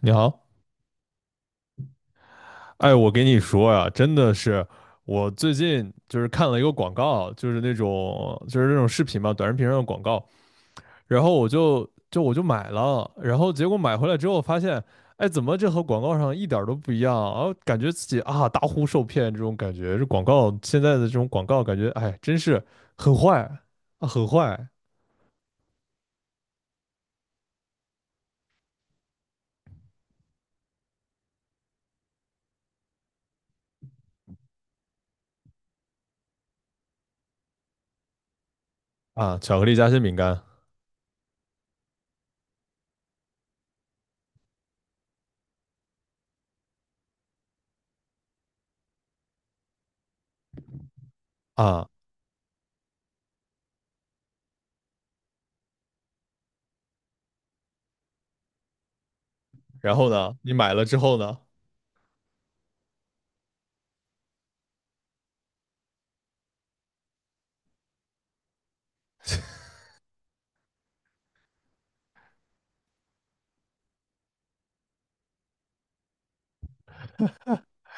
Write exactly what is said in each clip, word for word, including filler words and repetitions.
你好，哎，我给你说呀，真的是，我最近就是看了一个广告，就是那种就是那种视频嘛，短视频上的广告，然后我就就我就买了，然后结果买回来之后发现，哎，怎么这和广告上一点儿都不一样啊？感觉自己啊大呼受骗这种感觉，这广告现在的这种广告感觉，哎，真是很坏啊，很坏啊，巧克力夹心饼干啊，然后呢，你买了之后呢，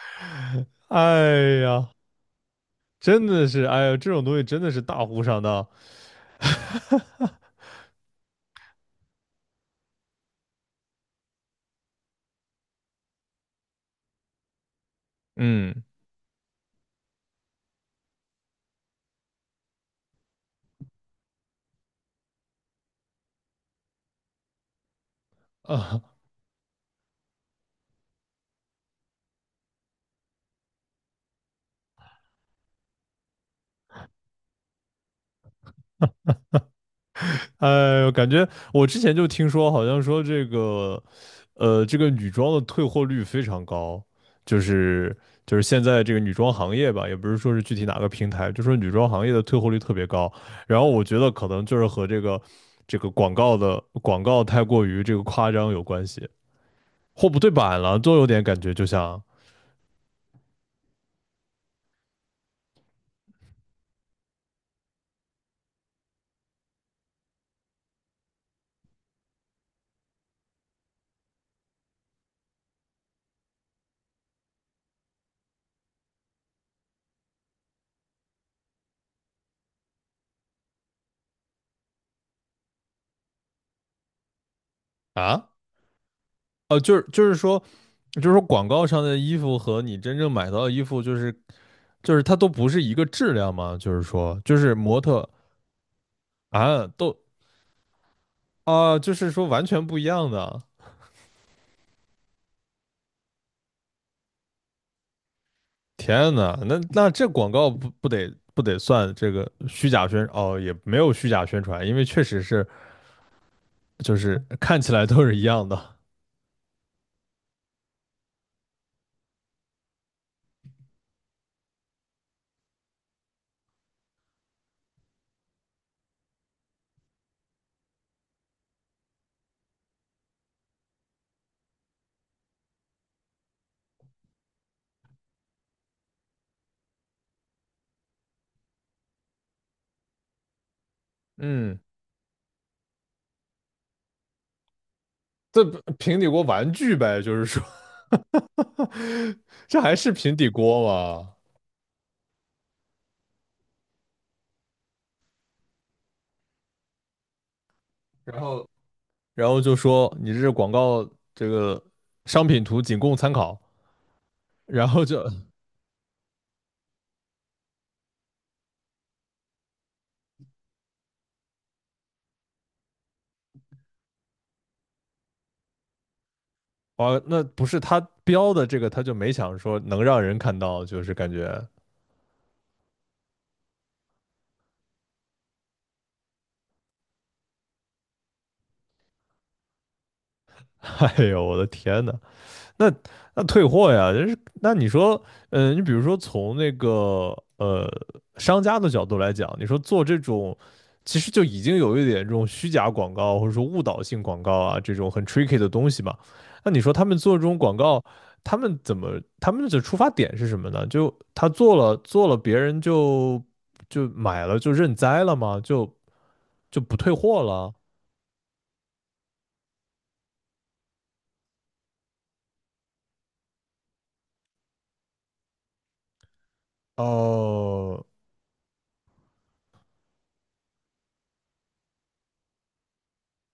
哎呀。真的是，哎呀，这种东西真的是大呼上当。嗯啊，哎呦，感觉我之前就听说，好像说这个，呃，这个女装的退货率非常高，就是就是现在这个女装行业吧，也不是说是具体哪个平台，就说女装行业的退货率特别高。然后我觉得可能就是和这个这个广告的广告太过于这个夸张有关系，货不对版了，都有点感觉就像啊。呃，就是就是说，就是说广告上的衣服和你真正买到的衣服，就是就是它都不是一个质量嘛，就是说，就是模特啊，都啊，就是说完全不一样的。天呐，那那这广告不不得不得算这个虚假宣哦，也没有虚假宣传，因为确实是就是看起来都是一样的。嗯，这不平底锅玩具呗，就是说，这还是平底锅吗？然后然后就说你这广告这个商品图仅供参考，然后就啊，那不是他标的这个，他就没想说能让人看到，就是感觉，哎呦我的天呐，那那退货呀，就是那你说，嗯、呃你比如说从那个呃商家的角度来讲，你说做这种，其实就已经有一点这种虚假广告或者说误导性广告啊，这种很 tricky 的东西嘛。那你说他们做这种广告，他们怎么，他们的出发点是什么呢？就他做了做了，别人就就买了就认栽了吗？就就不退货了？哦、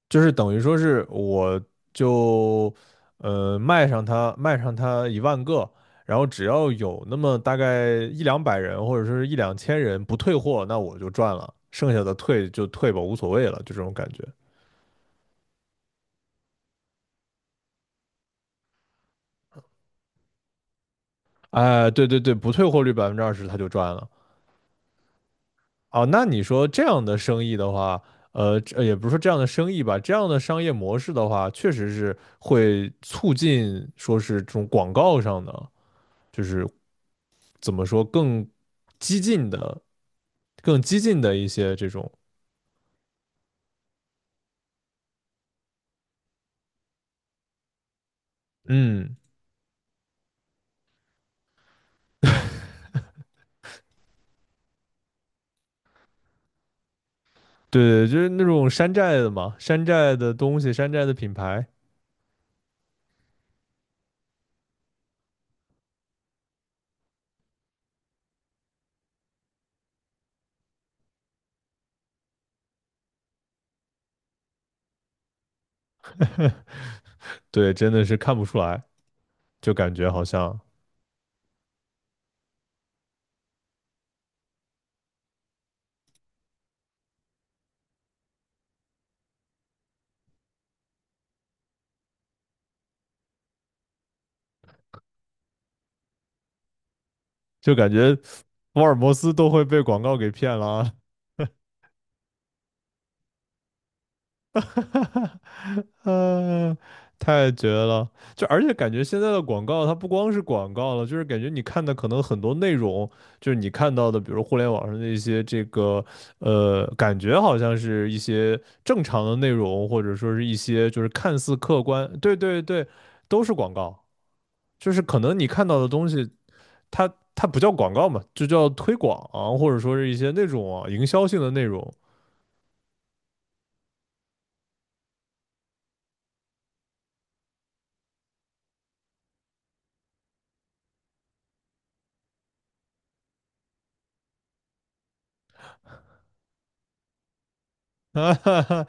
就是等于说是我就呃卖上它，卖上它一万个，然后只要有那么大概一两百人或者说是一两千人不退货，那我就赚了，剩下的退就退吧，无所谓了，就这种感觉。哎，对对对，不退货率百分之二十，他就赚了。哦，那你说这样的生意的话，呃，这也不是说这样的生意吧，这样的商业模式的话，确实是会促进说是这种广告上的，就是怎么说更激进的、更激进的一些这种，嗯，对就是那种山寨的嘛，山寨的东西、山寨的品牌 对，真的是看不出来，就感觉好像就感觉福尔摩斯都会被广告给骗了啊 嗯，太绝了！就而且感觉现在的广告，它不光是广告了，就是感觉你看的可能很多内容，就是你看到的，比如互联网上的一些这个，呃，感觉好像是一些正常的内容，或者说是一些就是看似客观，对对对，都是广告。就是可能你看到的东西，它它不叫广告嘛，就叫推广啊或者说是一些那种啊营销性的内容。啊哈哈，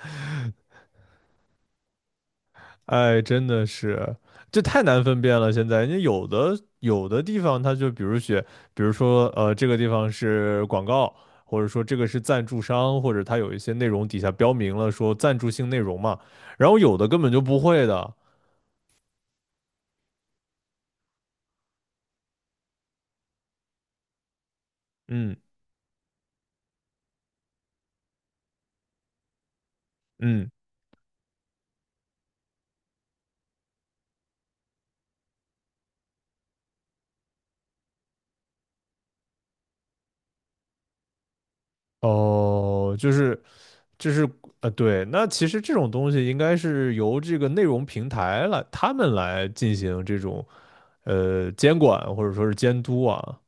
哎，真的是，这太难分辨了。现在，人家有的有的地方，它就比如写，比如说，呃，这个地方是广告，或者说这个是赞助商，或者它有一些内容底下标明了说赞助性内容嘛。然后有的根本就不会的，嗯嗯，哦，就是就是，呃，对，那其实这种东西应该是由这个内容平台来，他们来进行这种呃监管或者说是监督啊，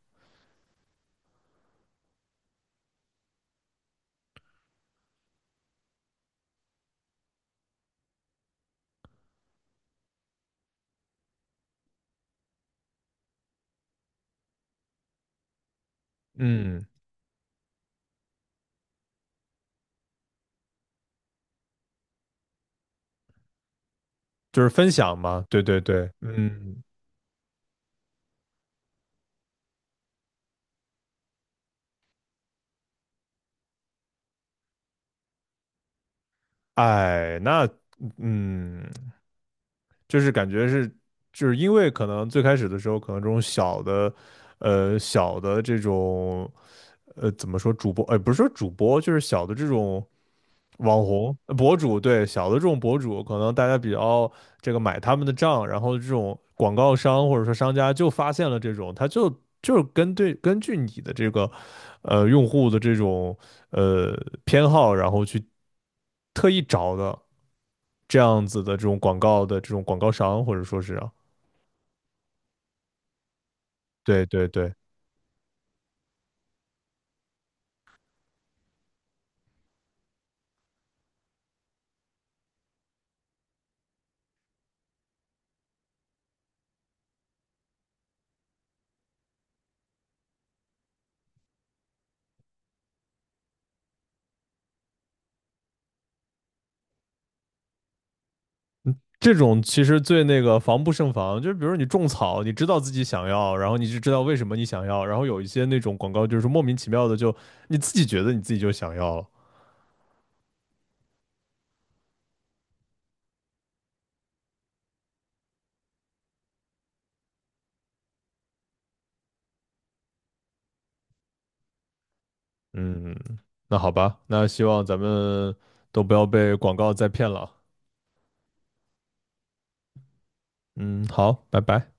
嗯。就是分享嘛，对对对，嗯，哎，那嗯，就是感觉是，就是因为可能最开始的时候，可能这种小的，呃，小的这种，呃，怎么说主播，哎，不是说主播，就是小的这种网红呃博主，对，小的这种博主，可能大家比较这个买他们的账，然后这种广告商或者说商家就发现了这种，他就就是根对根据你的这个呃用户的这种呃偏好，然后去特意找的这样子的这种广告的这种广告商或者说是啊对对对。这种其实最那个防不胜防，就是比如你种草，你知道自己想要，然后你就知道为什么你想要，然后有一些那种广告就是莫名其妙的就你自己觉得你自己就想要了。嗯，那好吧，那希望咱们都不要被广告再骗了。嗯，好，拜拜。